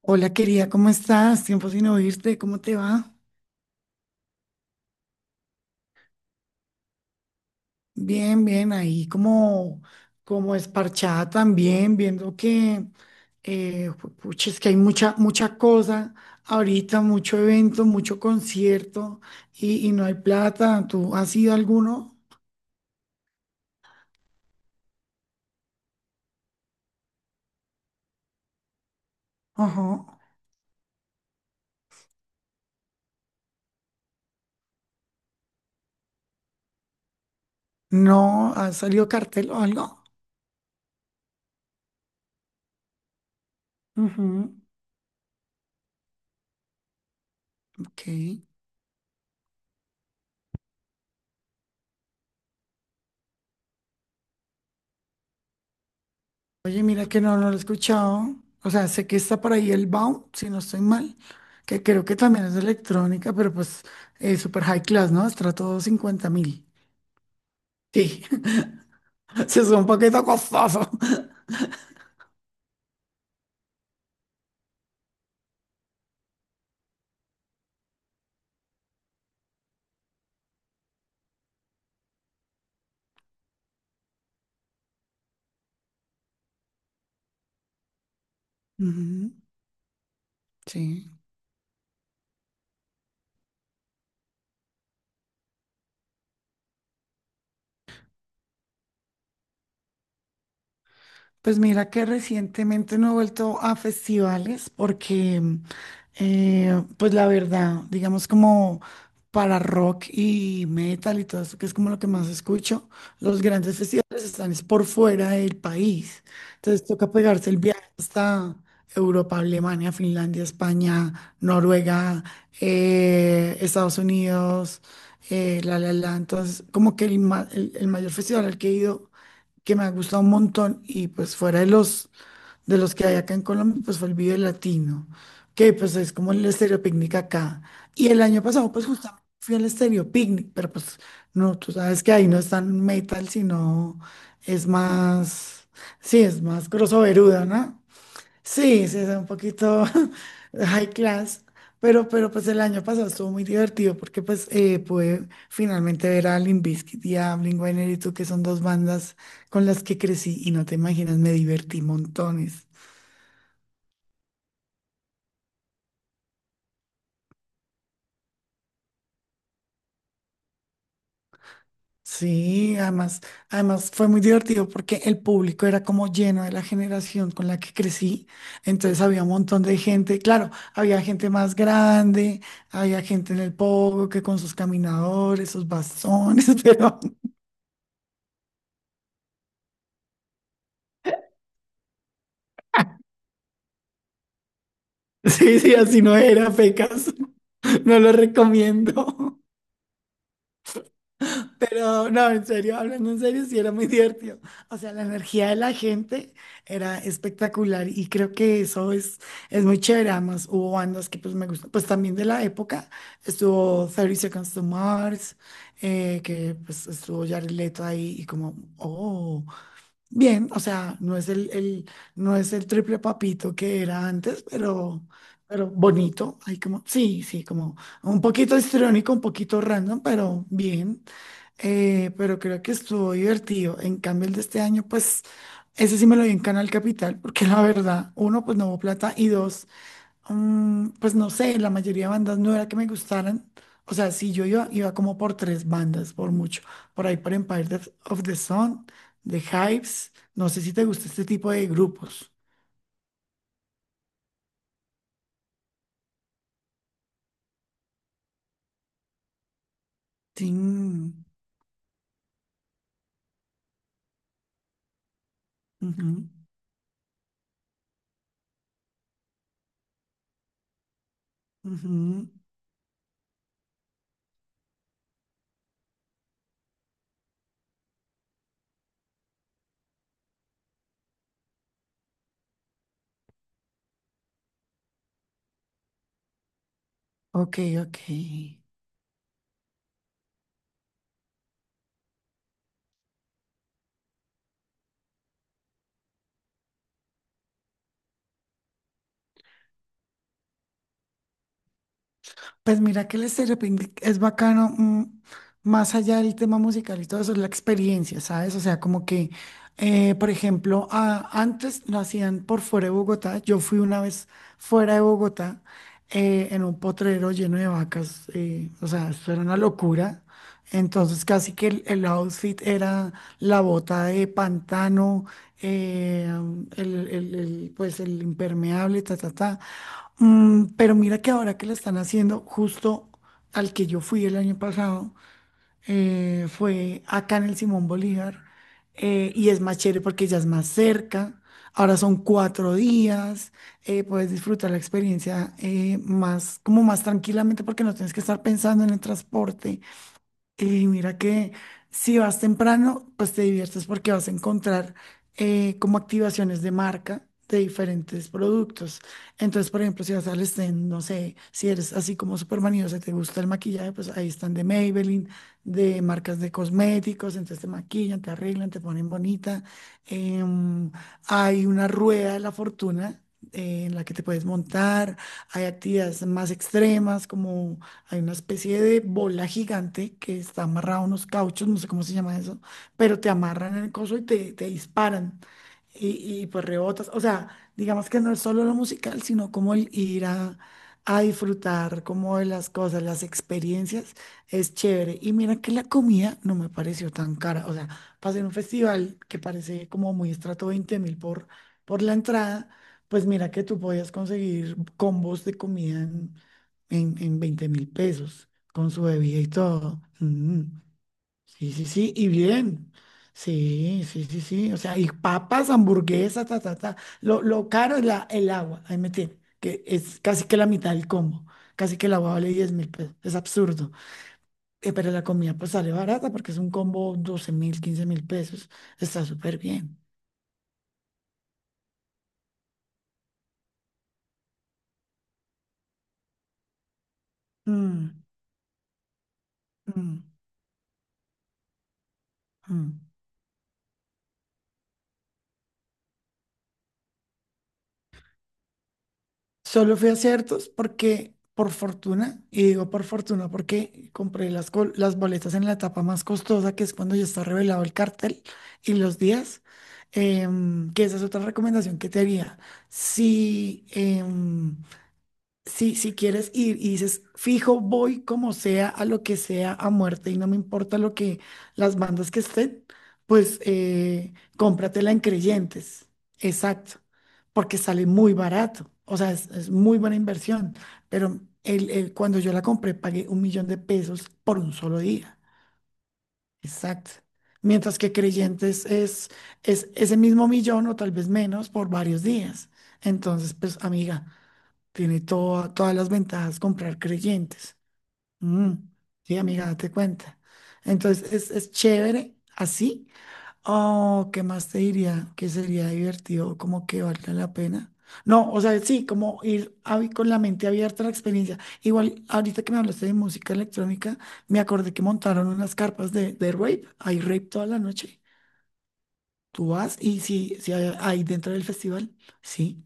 Hola querida, ¿cómo estás? Tiempo sin oírte, ¿cómo te va? Bien, bien, ahí como esparchada también, viendo que, pucha, es que hay mucha cosa ahorita, mucho evento, mucho concierto y no hay plata. ¿Tú has ido a alguno? Ajá. ¿No? ¿Ha salido cartel o algo? Ujú. Ok. Oye, mira que no, no lo he escuchado. O sea, sé que está por ahí el Baum, si no estoy mal, que creo que también es de electrónica, pero pues super high class, ¿no? Estrato 50.000. Sí, se es un poquito costoso. Ujú. Sí. Pues mira que recientemente no he vuelto a festivales porque, pues la verdad, digamos como para rock y metal y todo eso, que es como lo que más escucho, los grandes festivales están es por fuera del país. Entonces toca pegarse el viaje hasta Europa, Alemania, Finlandia, España, Noruega, Estados Unidos, la, la, la. Entonces como que el, ma- el mayor festival al que he ido que me ha gustado un montón y pues fuera de los, que hay acá en Colombia, pues fue el Vive Latino, que pues es como el Estéreo Picnic acá. Y el año pasado pues justamente fui al Estéreo Picnic, pero pues no, tú sabes que ahí no es tan metal, sino es más, sí, es más grosoveruda, ¿no? Sí, sí, es un poquito high class, pero, pues el año pasado estuvo muy divertido porque pues pude finalmente ver a Limp Bizkit y a Blink-182, que son dos bandas con las que crecí, y no te imaginas, me divertí montones. Sí, además fue muy divertido porque el público era como lleno de la generación con la que crecí, entonces había un montón de gente, claro, había gente más grande, había gente en el pogo que con sus caminadores, sus bastones, pero... Sí, sí, así no era, pecas. No lo recomiendo. Pero no, en serio, hablando en serio, sí era muy divertido. O sea, la energía de la gente era espectacular y creo que eso es muy chévere. Además, hubo bandas que pues me gustan, pues también de la época. Estuvo Thirty Seconds to Mars, que pues estuvo Jared Leto ahí y como, oh. Bien, o sea, no es no es el triple papito que era antes, pero bonito. Hay como, sí, sí, como un poquito histriónico, un poquito random, pero bien. Pero creo que estuvo divertido. En cambio, el de este año, pues, ese sí me lo vi en Canal Capital, porque la verdad, uno, pues no hubo plata, y dos, pues no sé, la mayoría de bandas no era que me gustaran. O sea, si yo iba como por tres bandas, por mucho. Por ahí por Empire Death of the Sun, The Hives. No sé si te gusta este tipo de grupos. Sí. Mm. Ujú, ujú. Ok, ok. Pues mira que el Estéreo Picnic es bacano, más allá del tema musical y todo eso, es la experiencia, ¿sabes? O sea, como que, por ejemplo, antes lo hacían por fuera de Bogotá. Yo fui una vez fuera de Bogotá, en un potrero lleno de vacas. O sea, esto era una locura. Entonces, casi que el outfit era la bota de pantano, eh, pues el impermeable, ta, ta, ta. Pero mira que ahora que lo están haciendo, justo al que yo fui el año pasado, fue acá en el Simón Bolívar, y es más chévere porque ya es más cerca, ahora son 4 días, puedes disfrutar la experiencia, como más tranquilamente porque no tienes que estar pensando en el transporte, y mira que si vas temprano, pues te diviertes porque vas a encontrar, como activaciones de marca de diferentes productos. Entonces, por ejemplo, si vas al stand, no sé, si eres así como súper maniosa, te gusta el maquillaje, pues ahí están de Maybelline, de marcas de cosméticos, entonces te maquillan, te arreglan, te ponen bonita. Em, Hay una rueda de la fortuna, en la que te puedes montar, hay actividades más extremas, como hay una especie de bola gigante que está amarrada a unos cauchos, no sé cómo se llama eso, pero te amarran en el coso y te disparan y pues rebotas. O sea, digamos que no es solo lo musical, sino como el ir a disfrutar como de las cosas, las experiencias, es chévere. Y mira que la comida no me pareció tan cara. O sea, pasé en un festival que parece como muy estrato 20.000 por, la entrada, pues mira que tú podías conseguir combos de comida en 20.000 pesos, con su bebida y todo. Mm, sí, sí, sí, y bien. Sí, sí, sí, sí. O sea, y papas, hamburguesas, ta, ta, ta. Lo caro es el agua, ahí me tiene, que es casi que la mitad del combo. Casi que el agua vale 10.000 pesos. Es absurdo. Pero la comida pues sale barata porque es un combo 12.000, 15.000 pesos. Está súper bien. Mm, mm, mm. Solo fui a ciertos porque, por fortuna, y digo por fortuna porque compré las, las boletas en la etapa más costosa, que es cuando ya está revelado el cartel y los días, que esa es otra recomendación que te haría. Si, em, si quieres ir y dices, fijo, voy como sea, a lo que sea, a muerte, y no me importa lo que las bandas que estén, pues cómpratela en Creyentes. Exacto. Porque sale muy barato. O sea, es muy buena inversión. Pero cuando yo la compré, pagué 1 millón de pesos por un solo día. Exacto. Mientras que Creyentes es ese mismo millón o tal vez menos por varios días. Entonces, pues, amiga. Tiene todas las ventajas comprar creyentes. Mm, sí, amiga, date cuenta. Entonces, es chévere así. Oh, ¿qué más te diría? Que sería divertido, como que valga la pena. No, o sea, sí, como ir con la mente abierta a la experiencia. Igual, ahorita que me hablaste de música electrónica, me acordé que montaron unas carpas de, rave. Hay rave toda la noche. Tú vas y sí, sí hay dentro del festival, sí.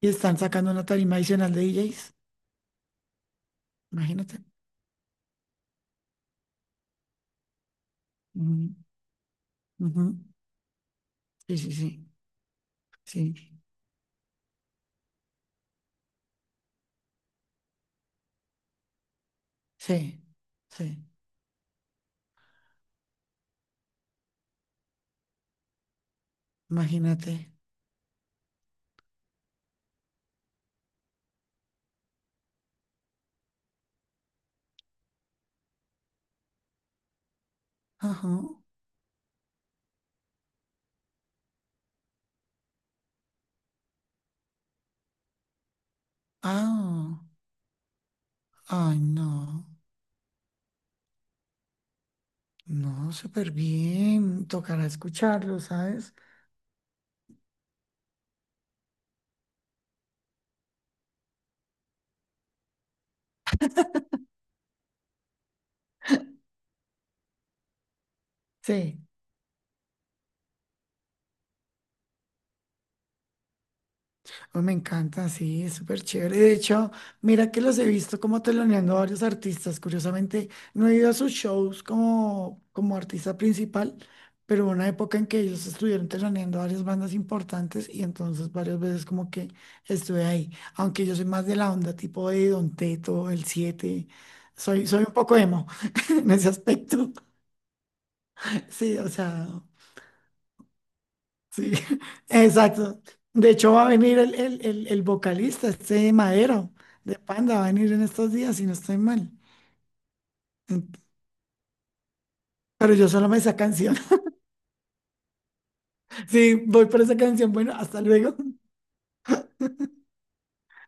Y están sacando una tarima adicional de DJs. Imagínate. Ujú, ujú. Sí, sí, sí, sí, sí, sí. Imagínate. Ajá. Ah, ay, no. No, súper bien. Tocará escucharlo, ¿sabes? Sí. Oh, me encanta, sí, es súper chévere. De hecho, mira que los he visto como teloneando a varios artistas. Curiosamente, no he ido a sus shows como artista principal, pero hubo una época en que ellos estuvieron teloneando a varias bandas importantes y entonces varias veces como que estuve ahí. Aunque yo soy más de la onda tipo de Don Teto, El siete, soy un poco emo en ese aspecto. Sí, o sea. Sí, exacto. De hecho, va a venir el vocalista, este Madero, de Panda, va a venir en estos días, si no estoy mal. En- Pero yo solo me esa canción. Sí, voy por esa canción. Bueno, hasta luego.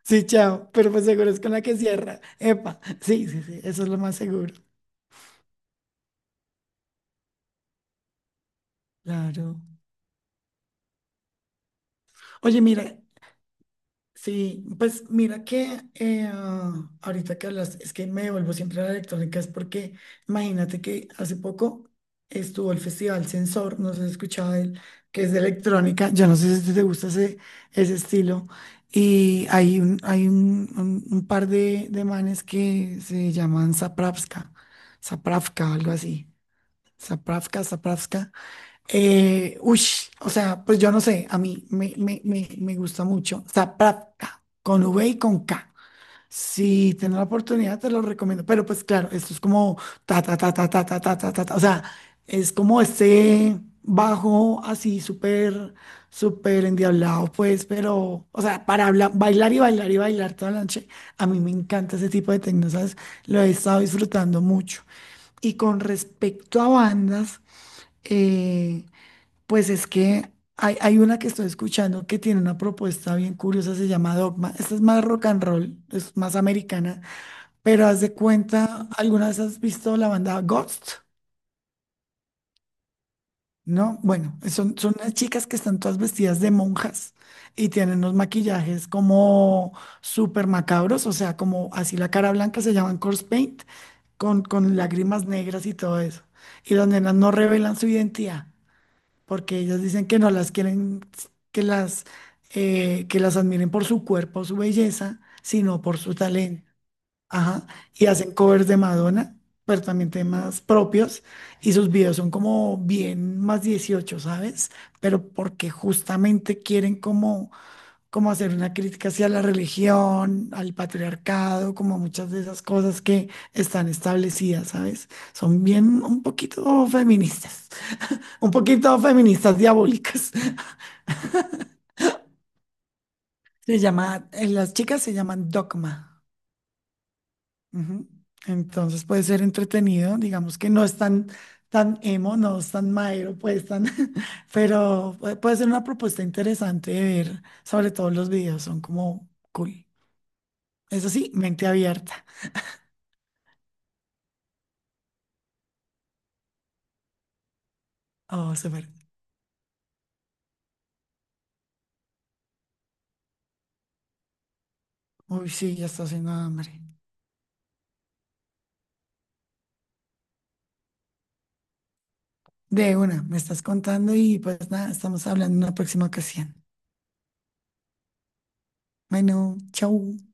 Sí, chao. Pero pues seguro es con la que cierra. Epa, sí, sí, sí, eso es lo más seguro. Claro. Oye, mira, sí, pues mira que ahorita que hablas, es que me devuelvo siempre a la electrónica, es porque imagínate que hace poco estuvo el Festival Sensor, no sé si has escuchado de él, que es de electrónica, yo no sé si te gusta ese, estilo, y un par de manes que se llaman Zapravska, Zapravka, algo así, Zapravka, Zapravska, uy, o sea, pues yo no sé, a mí me gusta mucho. Zapravka, con V y con K. Si tienes la oportunidad, te lo recomiendo. Pero pues claro, esto es como ta, ta, ta, ta, ta, ta, ta, ta, ta. Ta. O sea, es como este bajo así súper, súper endiablado, pues, pero, o sea, para bailar y bailar y bailar toda la noche. A mí me encanta ese tipo de tecno, ¿sabes? Lo he estado disfrutando mucho. Y con respecto a bandas, eh, pues es que hay una que estoy escuchando que tiene una propuesta bien curiosa, se llama Dogma. Esta es más rock and roll, es más americana, pero haz de cuenta, ¿alguna vez has visto la banda Ghost? ¿No? Bueno, son unas chicas que están todas vestidas de monjas y tienen unos maquillajes como súper macabros, o sea, como así la cara blanca se llaman corpse paint, con, lágrimas negras y todo eso. Y las nenas no revelan su identidad, porque ellas dicen que no las quieren, que las, que las admiren por su cuerpo, su belleza, sino por su talento. Ajá. Y hacen covers de Madonna, pero también temas propios, y sus videos son como bien más 18, ¿sabes? Pero porque justamente quieren como hacer una crítica hacia la religión, al patriarcado, como muchas de esas cosas que están establecidas, ¿sabes? Son bien un poquito feministas. Un poquito feministas diabólicas. Las chicas se llaman Dogma. Ujú. Entonces puede ser entretenido, digamos que no es tan emo, no es tan maero, pues tan, pero puede ser una propuesta interesante de ver, sobre todo los videos, son como cool. Eso sí, mente abierta. Oh, súper. Uy, sí, ya está haciendo hambre. De una, me estás contando y pues nada, estamos hablando en una próxima ocasión. Bueno, chau.